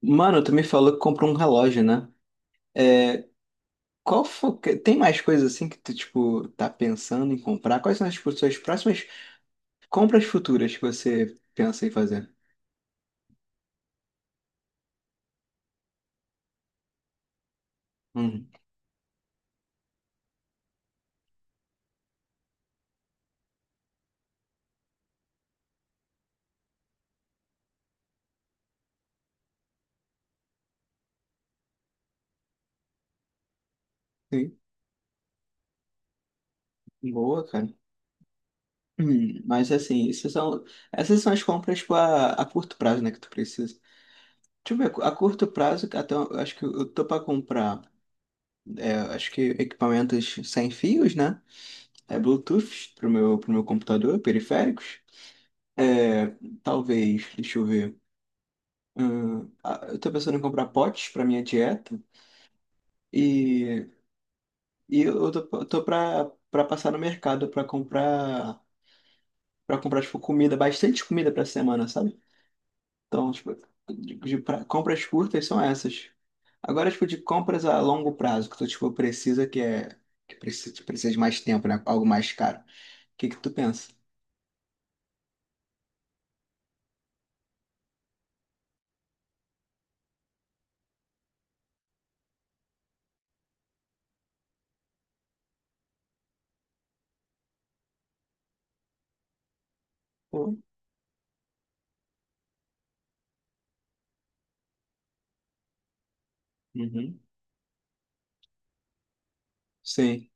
Mano, tu me falou que comprou um relógio, né? É, tem mais coisas assim que tu, tipo, tá pensando em comprar? Quais são tipo, suas próximas compras futuras que você pensa em fazer? Hum, sim, boa, cara. Mas assim, essas são as compras, tipo, a curto prazo, né, que tu precisa. Deixa eu ver, a curto prazo, até, eu acho que eu tô pra comprar, acho que equipamentos sem fios, né? É, Bluetooth pro meu computador, periféricos. É, talvez, deixa eu ver. Ah, eu tô pensando em comprar potes para minha dieta e, e eu tô pra passar no mercado pra comprar para comprar tipo comida, bastante comida pra semana, sabe? Então, tipo, compras curtas são essas. Agora, tipo, de compras a longo prazo, que tu tipo precisa que precisa de mais tempo, né? Algo mais caro. O que que tu pensa? Pô. Uhum. Sim,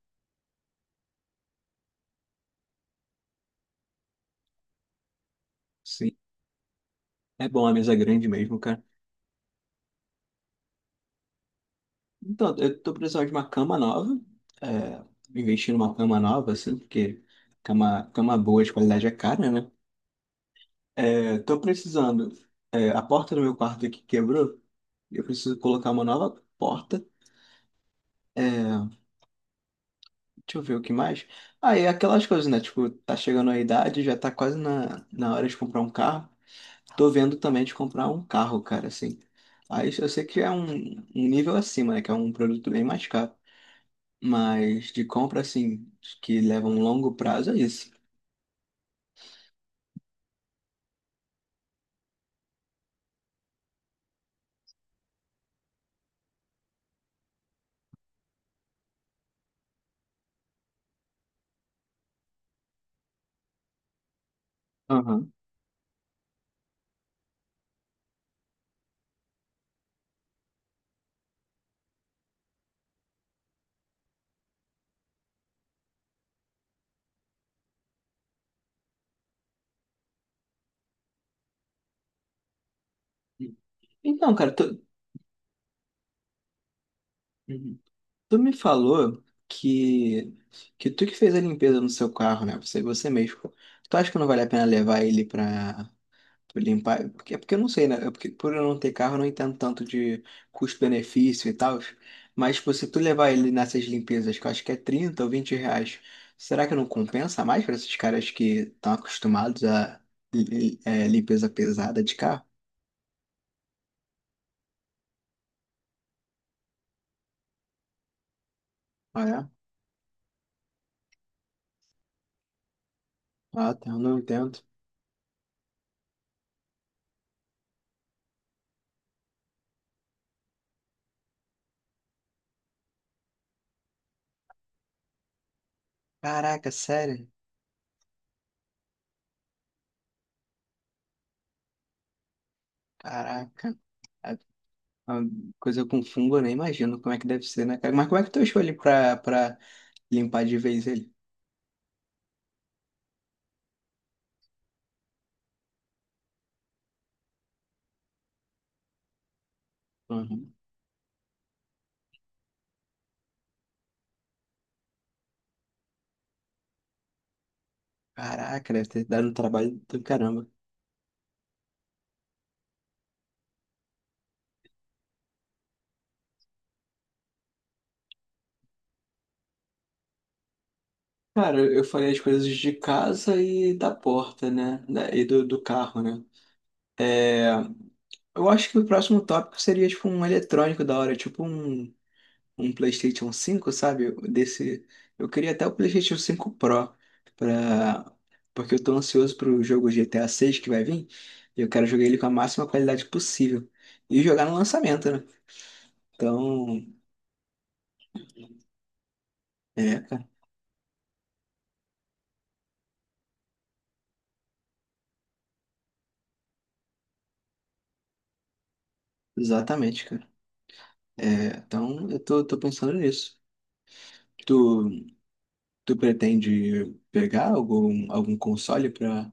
sim. É bom, a mesa é grande mesmo, cara. Então, eu tô precisando de uma cama nova, é, investir numa cama nova, assim, porque cama, cama boa de qualidade é cara, né? É, tô precisando, a porta do meu quarto aqui quebrou, eu preciso colocar uma nova porta, deixa eu ver o que mais. Ah, e aquelas coisas, né? Tipo, tá chegando a idade, já tá quase na hora de comprar um carro. Tô vendo também de comprar um carro, cara, assim. Aí eu sei que é um nível acima, né? Que é um produto bem mais caro. Mas de compra, assim, que leva um longo prazo, é isso. Aham. Então, cara, uhum. tu me falou que tu que fez a limpeza no seu carro, né? Você mesmo. Tu acha que não vale a pena levar ele pra limpar, é porque eu não sei, né? Porque, por eu não ter carro, eu não entendo tanto de custo-benefício e tal. Mas, tipo, se tu levar ele nessas limpezas, que eu acho que é R$ 30 ou R$ 20, será que não compensa mais para esses caras que estão acostumados a limpeza pesada de carro? Ah, é? Ah, tá, eu não entendo. Caraca, sério? Caraca. A- a Coisa com fungo, eu nem imagino como é que deve ser, né, cara? Mas como é que tu achou ele pra, limpar de vez ele? Uhum. Caraca, deve ter dado um trabalho do caramba. Cara, eu falei as coisas de casa e da porta, né? E do carro, né? É, eu acho que o próximo tópico seria tipo um eletrônico da hora, tipo um PlayStation 5, sabe? Desse, eu queria até o PlayStation 5 Pro, pra, porque eu tô ansioso pro jogo GTA 6 que vai vir e eu quero jogar ele com a máxima qualidade possível e jogar no lançamento, né? Então, cara, exatamente, cara. É, então eu tô pensando nisso. Tu Tu pretende pegar algum console para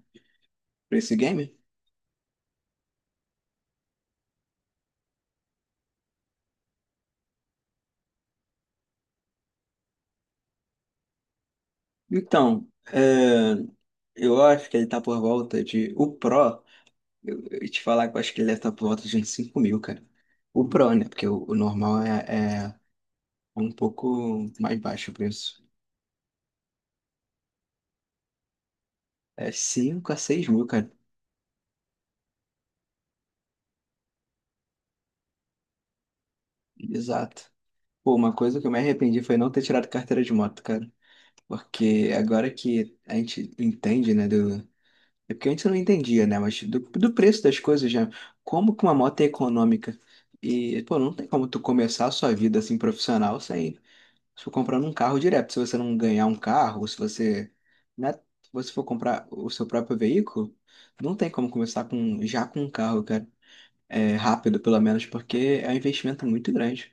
esse game? Então, eu acho que ele tá por volta de. O Pro, eu te falar que eu acho que ele deve estar por volta de uns 5 mil, cara. O Pro, né? Porque o normal é um pouco mais baixo o preço. É 5 a 6 mil, cara. Exato. Pô, uma coisa que eu me arrependi foi não ter tirado carteira de moto, cara. Porque agora que a gente entende, né, é porque antes eu não entendia, né? Mas do preço das coisas, já. Como que uma moto é econômica? E, pô, não tem como tu começar a sua vida assim profissional sem se for comprando um carro direto. Se você não ganhar um carro, ou se você for comprar o seu próprio veículo, não tem como começar com já com um carro, cara. É, rápido, pelo menos, porque é um investimento muito grande.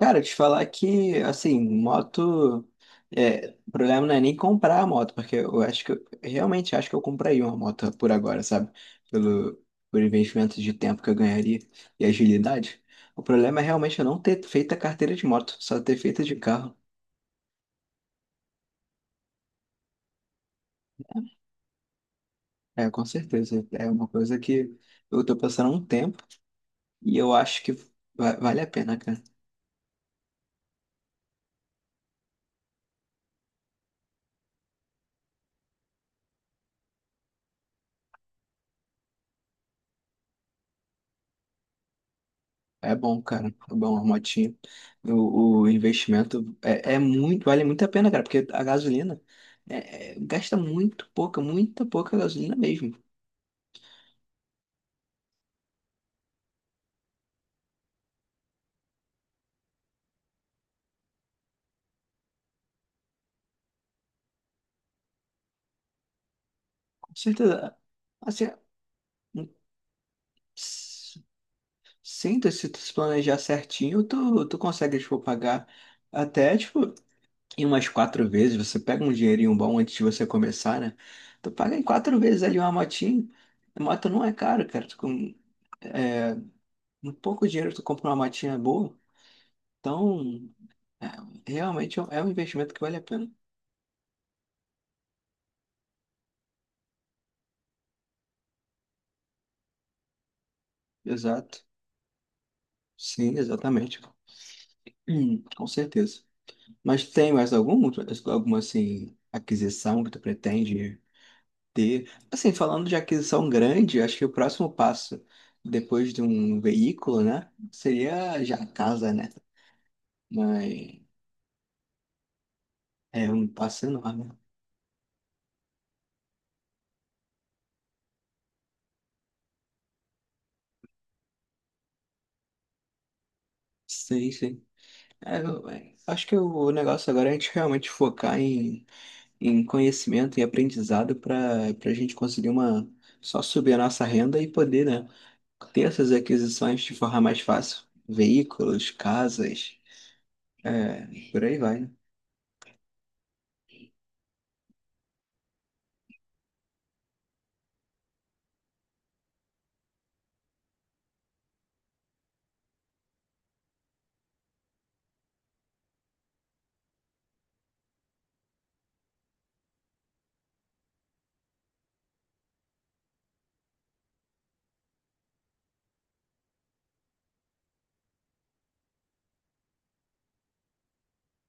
Cara, te falar que, assim, moto. É, o problema não é nem comprar a moto, porque eu acho que. Realmente acho que eu compraria uma moto por agora, sabe? Pelo, por investimento de tempo que eu ganharia e agilidade. O problema é realmente eu não ter feito a carteira de moto, só ter feito de carro. É, com certeza. É uma coisa que eu tô passando há um tempo e eu acho que vale a pena, cara. É bom, cara. É bom, a motinha. O investimento é muito, vale muito a pena, cara, porque a gasolina gasta muito pouca, muita pouca gasolina mesmo. Com certeza. Assim, um- s- sinto, se tu se planejar certinho, tu consegue, tipo, pagar até, tipo, em umas quatro vezes. Você pega um dinheirinho bom antes de você começar, né? Tu paga em quatro vezes ali uma motinha. A moto não é caro, cara. É, um pouco dinheiro tu compra uma motinha boa. Então. É, realmente é um investimento que vale a pena. Exato. Sim, exatamente. Com certeza. Mas tem mais alguma assim, aquisição que tu pretende ter? Assim, falando de aquisição grande, acho que o próximo passo, depois de um veículo, né? Seria já a casa, né? Mas é um passo enorme. Sim, sim. Acho que o negócio agora é a gente realmente focar em conhecimento e aprendizado para a gente conseguir uma só subir a nossa renda e poder, né, ter essas aquisições de forma mais fácil. Veículos, casas, é, por aí vai, né?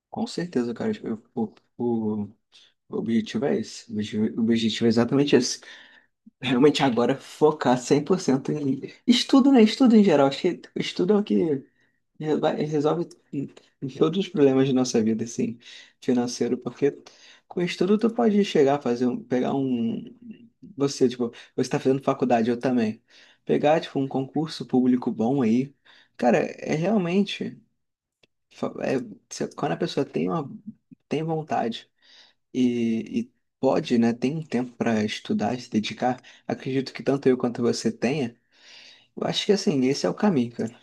Com certeza, cara, o objetivo é esse. O objetivo é exatamente esse. Realmente agora focar 100% em estudo, né? Estudo em geral. Acho que estudo é o que resolve em em todos os problemas de nossa vida, assim, financeiro, porque com estudo tu pode chegar a fazer você, tipo, você tá fazendo faculdade, eu também, pegar, tipo, um concurso público bom aí, cara, é realmente, fa- é, quando a pessoa tem tem vontade e pode, né, tem um tempo para estudar, se dedicar, acredito que tanto eu quanto você tenha, eu acho que, assim, esse é o caminho, cara.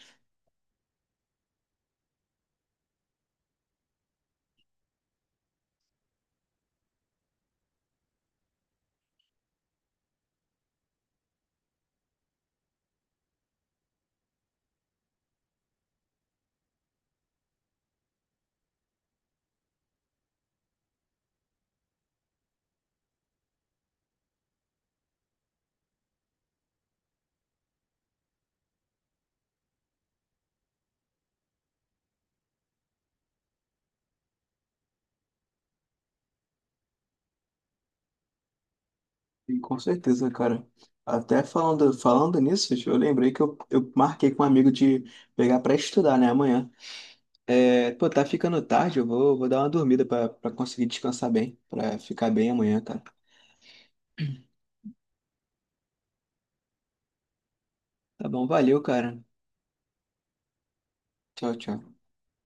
Sim, com certeza, cara. Até falando nisso, eu lembrei que eu marquei com um amigo de pegar pra estudar, né, amanhã. É, pô, tá ficando tarde, eu vou dar uma dormida pra conseguir descansar bem, pra ficar bem amanhã, cara. Tá bom, valeu, cara. Tchau, tchau.